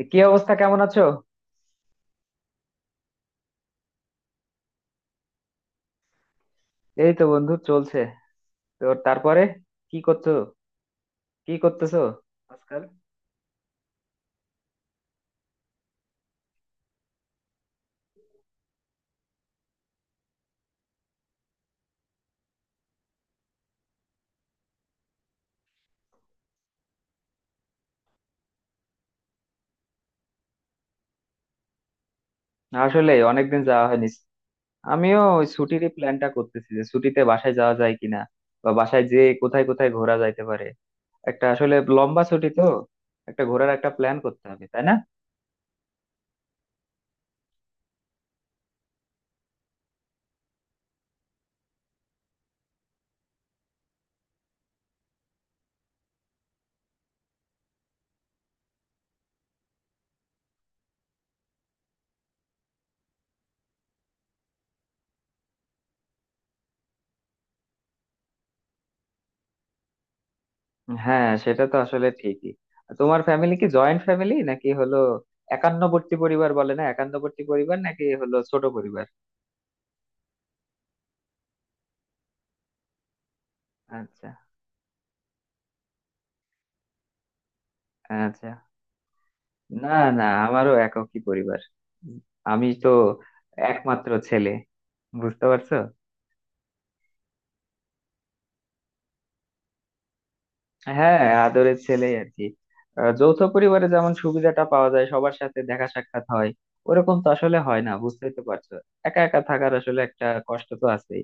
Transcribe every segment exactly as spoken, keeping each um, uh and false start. এ, কি অবস্থা, কেমন আছো? এই তো বন্ধু, চলছে। তো তারপরে কি করছো, কি করতেছো আজকাল? আসলে অনেকদিন যাওয়া হয়নি। আমিও ওই ছুটির প্ল্যানটা করতেছি যে ছুটিতে বাসায় যাওয়া যায় কিনা, বা বাসায় যে কোথায় কোথায় ঘোরা যাইতে পারে। একটা আসলে লম্বা ছুটি তো, একটা ঘোরার একটা প্ল্যান করতে হবে, তাই না? হ্যাঁ, সেটা তো আসলে ঠিকই। তোমার ফ্যামিলি কি জয়েন্ট ফ্যামিলি নাকি হলো একান্নবর্তী পরিবার, বলে না একান্নবর্তী পরিবার, নাকি হলো ছোট পরিবার? আচ্ছা আচ্ছা, না না, আমারও এককই পরিবার। আমি তো একমাত্র ছেলে, বুঝতে পারছো। হ্যাঁ, আদরের ছেলেই আর কি। আহ, যৌথ পরিবারে যেমন সুবিধাটা পাওয়া যায়, সবার সাথে দেখা সাক্ষাৎ হয়, ওরকম তো আসলে হয় না, বুঝতেই তো পারছো। একা একা থাকার আসলে একটা কষ্ট তো আছেই।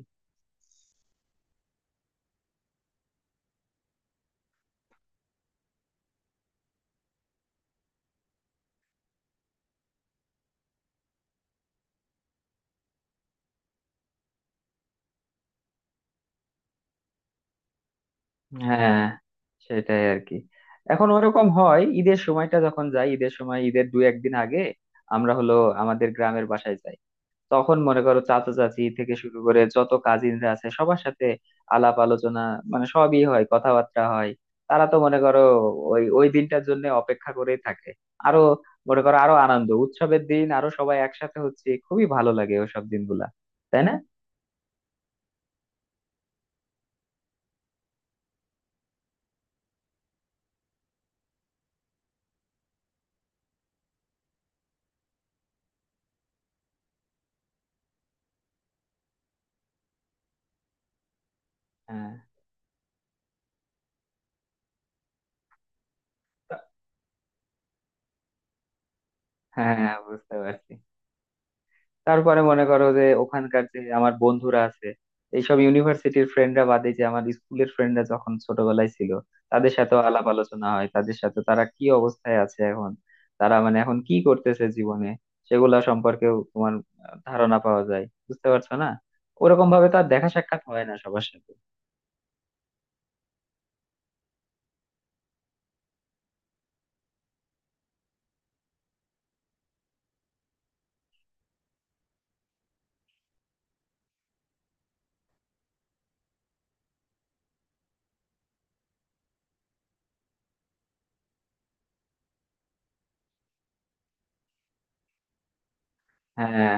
হ্যাঁ সেটাই আর কি। এখন ওরকম হয় ঈদের সময়টা যখন যাই, ঈদের সময় ঈদের দু একদিন আগে আমরা হলো আমাদের গ্রামের বাসায় যাই। তখন মনে করো চাচা চাচি থেকে শুরু করে যত কাজিনরা আছে সবার সাথে আলাপ আলোচনা, মানে সবই হয়, কথাবার্তা হয়। তারা তো মনে করো ওই ওই দিনটার জন্য অপেক্ষা করেই থাকে। আরো মনে করো, আরো আনন্দ উৎসবের দিন, আরো সবাই একসাথে হচ্ছে, খুবই ভালো লাগে ওইসব দিনগুলা, তাই না? হ্যাঁ, তা- হ্যাঁ বুঝতে পারছি। তারপরে মনে করো যে ওখানকার যে আমার বন্ধুরা আছে, এইসব ইউনিভার্সিটির ফ্রেন্ডরা বাদে, যে আমার স্কুলের ফ্রেন্ডরা যখন ছোটবেলায় ছিল, তাদের সাথে আলাপ আলোচনা হয়, তাদের সাথে তারা কি অবস্থায় আছে এখন, তারা মানে এখন কি করতেছে জীবনে, সেগুলা সম্পর্কেও তোমার আহ, ধারণা পাওয়া যায়, বুঝতে পারছো না? ওরকম ভাবে তো আর দেখা সাক্ষাৎ হয় না সবার সাথে। হ্যাঁ,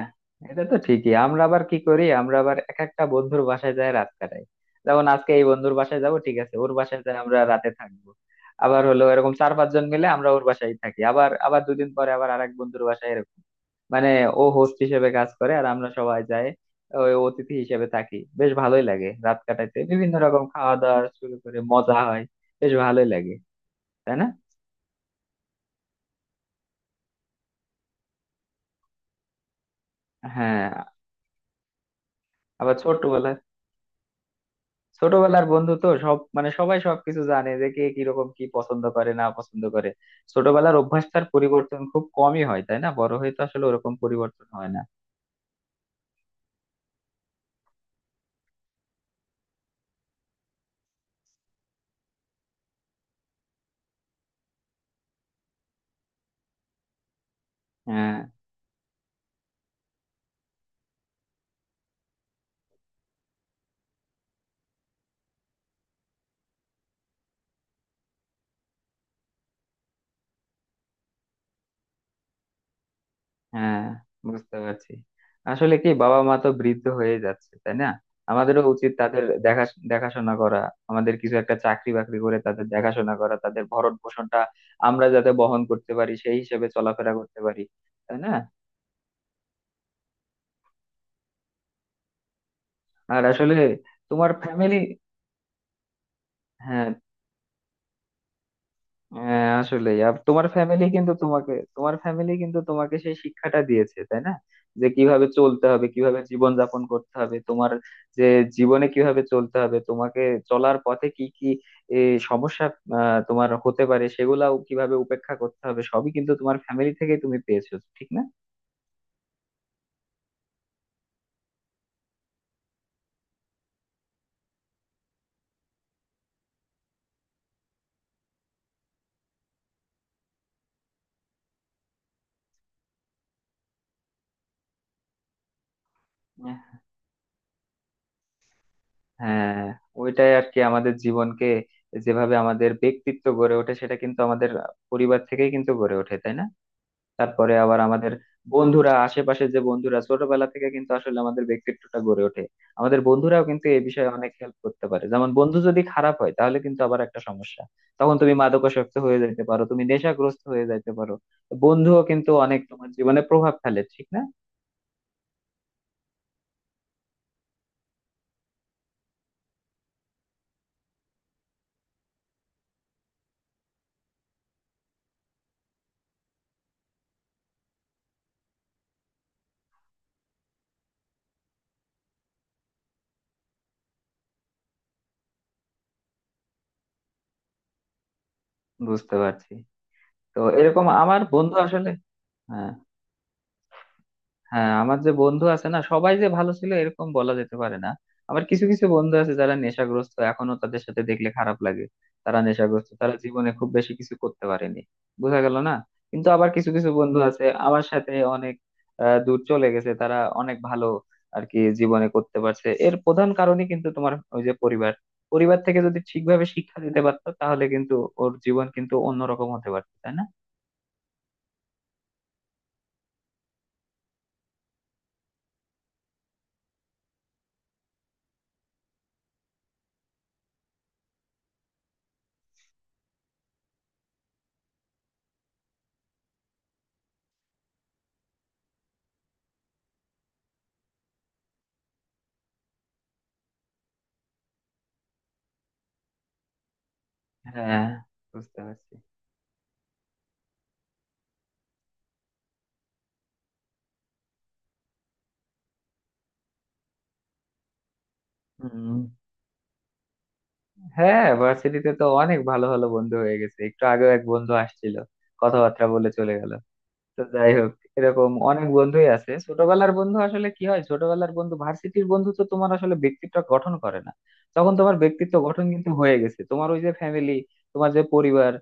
এটা তো ঠিকই। আমরা আবার কি করি, আমরা আবার এক একটা বন্ধুর বাসায় যায় রাত কাটাই। যেমন আজকে এই বন্ধুর বাসায় যাব, ঠিক আছে ওর বাসায় যায় আমরা রাতে থাকবো। আবার হলো এরকম চার পাঁচ জন মিলে আমরা ওর বাসায় থাকি, আবার আবার দুদিন পরে আবার আরেক বন্ধুর বাসায়, এরকম। মানে ও হোস্ট হিসেবে কাজ করে আর আমরা সবাই যাই ওই অতিথি হিসেবে থাকি। বেশ ভালোই লাগে রাত কাটাইতে, বিভিন্ন রকম খাওয়া দাওয়া শুরু করে মজা হয়। বেশ ভালোই লাগে, তাই না? হ্যাঁ। আবার ছোটবেলায়, ছোটবেলার বন্ধু তো সব, মানে সবাই সবকিছু জানে, যে কে কিরকম, কি পছন্দ করে না পছন্দ করে। ছোটবেলার অভ্যাসটার পরিবর্তন খুব কমই হয়, তাই না? বড় হয়ে তো আসলে ওরকম পরিবর্তন হয় না। হ্যাঁ, হ্যাঁ বুঝতে পারছি। আসলে কি, বাবা মা তো বৃদ্ধ হয়ে যাচ্ছে, তাই না? আমাদেরও উচিত তাদের দেখা দেখাশোনা করা। আমাদের কিছু একটা চাকরি বাকরি করে তাদের দেখাশোনা করা, তাদের ভরণ পোষণটা আমরা যাতে বহন করতে পারি, সেই হিসেবে চলাফেরা করতে পারি, তাই না? আর আসলে তোমার ফ্যামিলি, হ্যাঁ হ্যাঁ আসলে তোমার ফ্যামিলি কিন্তু তোমাকে তোমার ফ্যামিলি কিন্তু তোমাকে সেই শিক্ষাটা দিয়েছে, তাই না? যে কিভাবে চলতে হবে, কিভাবে জীবন যাপন করতে হবে তোমার, যে জীবনে কিভাবে চলতে হবে তোমাকে, চলার পথে কি কি এ, সমস্যা আহ, তোমার হতে পারে, সেগুলাও কিভাবে উপেক্ষা করতে হবে, সবই কিন্তু তোমার ফ্যামিলি থেকে তুমি পেয়েছো, ঠিক না? হ্যাঁ। ওইটাই আর কি, আমাদের জীবনকে, যেভাবে আমাদের ব্যক্তিত্ব গড়ে ওঠে, সেটা কিন্তু আমাদের পরিবার থেকেই কিন্তু গড়ে ওঠে, তাই না? তারপরে আবার আমাদের বন্ধুরা, আশেপাশে যে বন্ধুরা ছোটবেলা থেকে, কিন্তু আসলে আমাদের ব্যক্তিত্বটা গড়ে ওঠে, আমাদের বন্ধুরাও কিন্তু এই বিষয়ে অনেক হেল্প করতে পারে। যেমন বন্ধু যদি খারাপ হয় তাহলে কিন্তু আবার একটা সমস্যা, তখন তুমি মাদকাসক্ত হয়ে যাইতে পারো, তুমি নেশাগ্রস্ত হয়ে যাইতে পারো। তো বন্ধুও কিন্তু অনেক তোমার জীবনে প্রভাব ফেলে, ঠিক না? বুঝতে পারছি। তো এরকম আমার বন্ধু আসলে, হ্যাঁ হ্যাঁ আমার যে বন্ধু আছে না, সবাই যে ভালো ছিল এরকম বলা যেতে পারে না। আবার কিছু কিছু বন্ধু আছে যারা নেশাগ্রস্ত এখনো, তাদের সাথে দেখলে খারাপ লাগে। তারা নেশাগ্রস্ত, তারা জীবনে খুব বেশি কিছু করতে পারেনি, বোঝা গেল না। কিন্তু আবার কিছু কিছু বন্ধু আছে আমার সাথে অনেক আহ, দূর চলে গেছে, তারা অনেক ভালো আর কি জীবনে করতে পারছে। এর প্রধান কারণই কিন্তু তোমার ওই যে পরিবার, পরিবার থেকে যদি ঠিকভাবে শিক্ষা দিতে পারতো তাহলে কিন্তু ওর জীবন কিন্তু অন্যরকম হতে পারতো, তাই না? হ্যাঁ বুঝতে পারছি। হম, হ্যাঁ ভার্সিটিতে তো অনেক ভালো ভালো বন্ধু হয়ে গেছে, একটু আগেও এক বন্ধু আসছিল, কথাবার্তা বলে চলে গেল। তো যাই হোক, এরকম অনেক বন্ধুই আছে। ছোটবেলার বন্ধু আসলে কি হয়, ছোটবেলার বন্ধু ভার্সিটির বন্ধু তো তোমার আসলে ব্যক্তিত্ব গঠন করে না, তখন তোমার ব্যক্তিত্ব গঠন কিন্তু হয়ে গেছে তোমার ওই যে ফ্যামিলি, তোমার যে পরিবার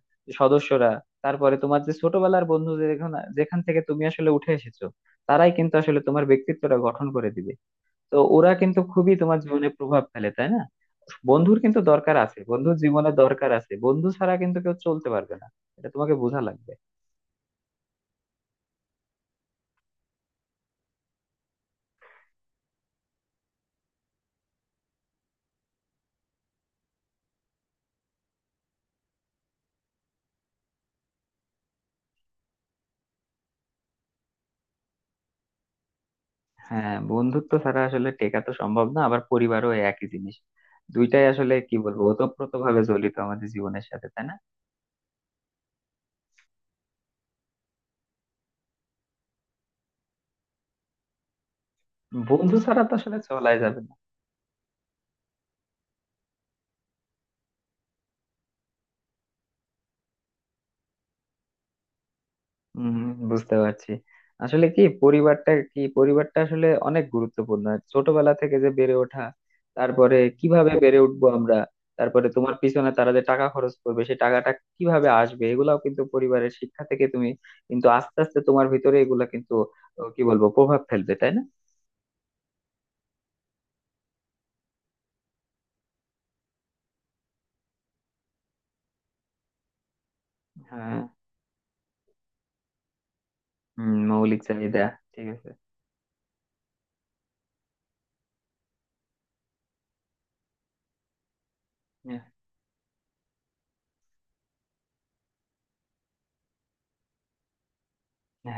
সদস্যরা, তারপরে তোমার যে ছোটবেলার বন্ধু, যেখান যেখান থেকে তুমি আসলে উঠে এসেছো, তারাই কিন্তু আসলে তোমার ব্যক্তিত্বটা গঠন করে দিবে। তো ওরা কিন্তু খুবই তোমার জীবনে প্রভাব ফেলে, তাই না? বন্ধুর কিন্তু দরকার আছে, বন্ধুর জীবনে দরকার আছে, বন্ধু ছাড়া কিন্তু কেউ চলতে পারবে না, এটা তোমাকে বোঝা লাগবে। হ্যাঁ বন্ধুত্ব ছাড়া আসলে টেকা তো সম্ভব না, আবার পরিবারও একই জিনিস। দুইটাই আসলে কি বলবো, ওতপ্রোত ভাবে জড়িত আমাদের জীবনের সাথে, তাই না? বন্ধু ছাড়া তো আসলে চলাই যাবে না। হম বুঝতে পারছি। আসলে কি পরিবারটা কি পরিবারটা আসলে অনেক গুরুত্বপূর্ণ। ছোটবেলা থেকে যে বেড়ে ওঠা, তারপরে কিভাবে বেড়ে উঠবো আমরা, তারপরে তোমার পিছনে তারা যে টাকা খরচ করবে, সেই টাকাটা কিভাবে আসবে, এগুলাও কিন্তু পরিবারের শিক্ষা থেকে তুমি কিন্তু আস্তে আস্তে তোমার ভিতরে এগুলা কিন্তু ও, কি বলবো, প্রভাব ফেলবে, তাই না? হ্যাঁ। হম, মৌলিক চাহিদা। ঠিক আছে। হ্যাঁ।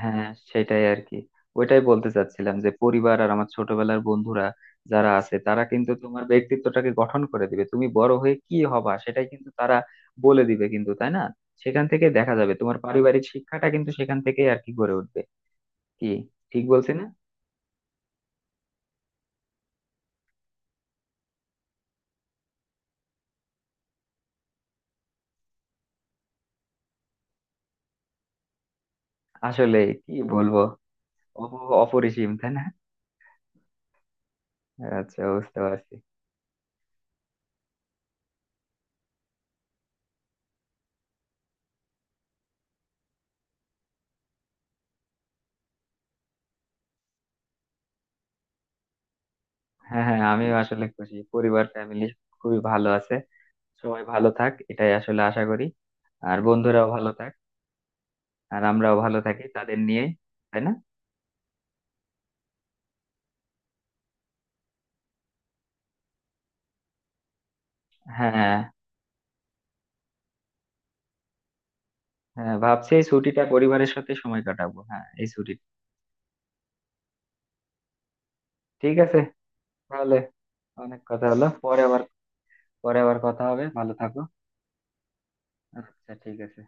হ্যাঁ সেটাই আর কি, ওইটাই বলতে চাচ্ছিলাম যে পরিবার আর আমার ছোটবেলার বন্ধুরা যারা আছে, তারা কিন্তু তোমার ব্যক্তিত্বটাকে গঠন করে দিবে। তুমি বড় হয়ে কি হবা, সেটাই কিন্তু তারা বলে দিবে কিন্তু, তাই না? সেখান থেকে দেখা যাবে তোমার পারিবারিক শিক্ষাটা কিন্তু সেখান থেকেই আর কি গড়ে উঠবে। কি, ঠিক বলছি না? আসলে কি বলবো, অপ- অপরিসীম, তাই না? আচ্ছা বুঝতে পারছি। হ্যাঁ হ্যাঁ, আমিও আসলে খুশি, পরিবার ফ্যামিলি খুবই ভালো আছে। সবাই ভালো থাক, এটাই আসলে আশা করি। আর বন্ধুরাও ভালো থাক, আর আমরাও ভালো থাকি তাদের নিয়ে, তাই না? হ্যাঁ, হ্যাঁ। হ্যাঁ, ভাবছি এই ছুটিটা পরিবারের সাথে সময় কাটাবো, হ্যাঁ এই ছুটি। ঠিক আছে তাহলে, অনেক কথা হলো, পরে আবার, পরে আবার কথা হবে। ভালো থাকো। আচ্ছা ঠিক আছে।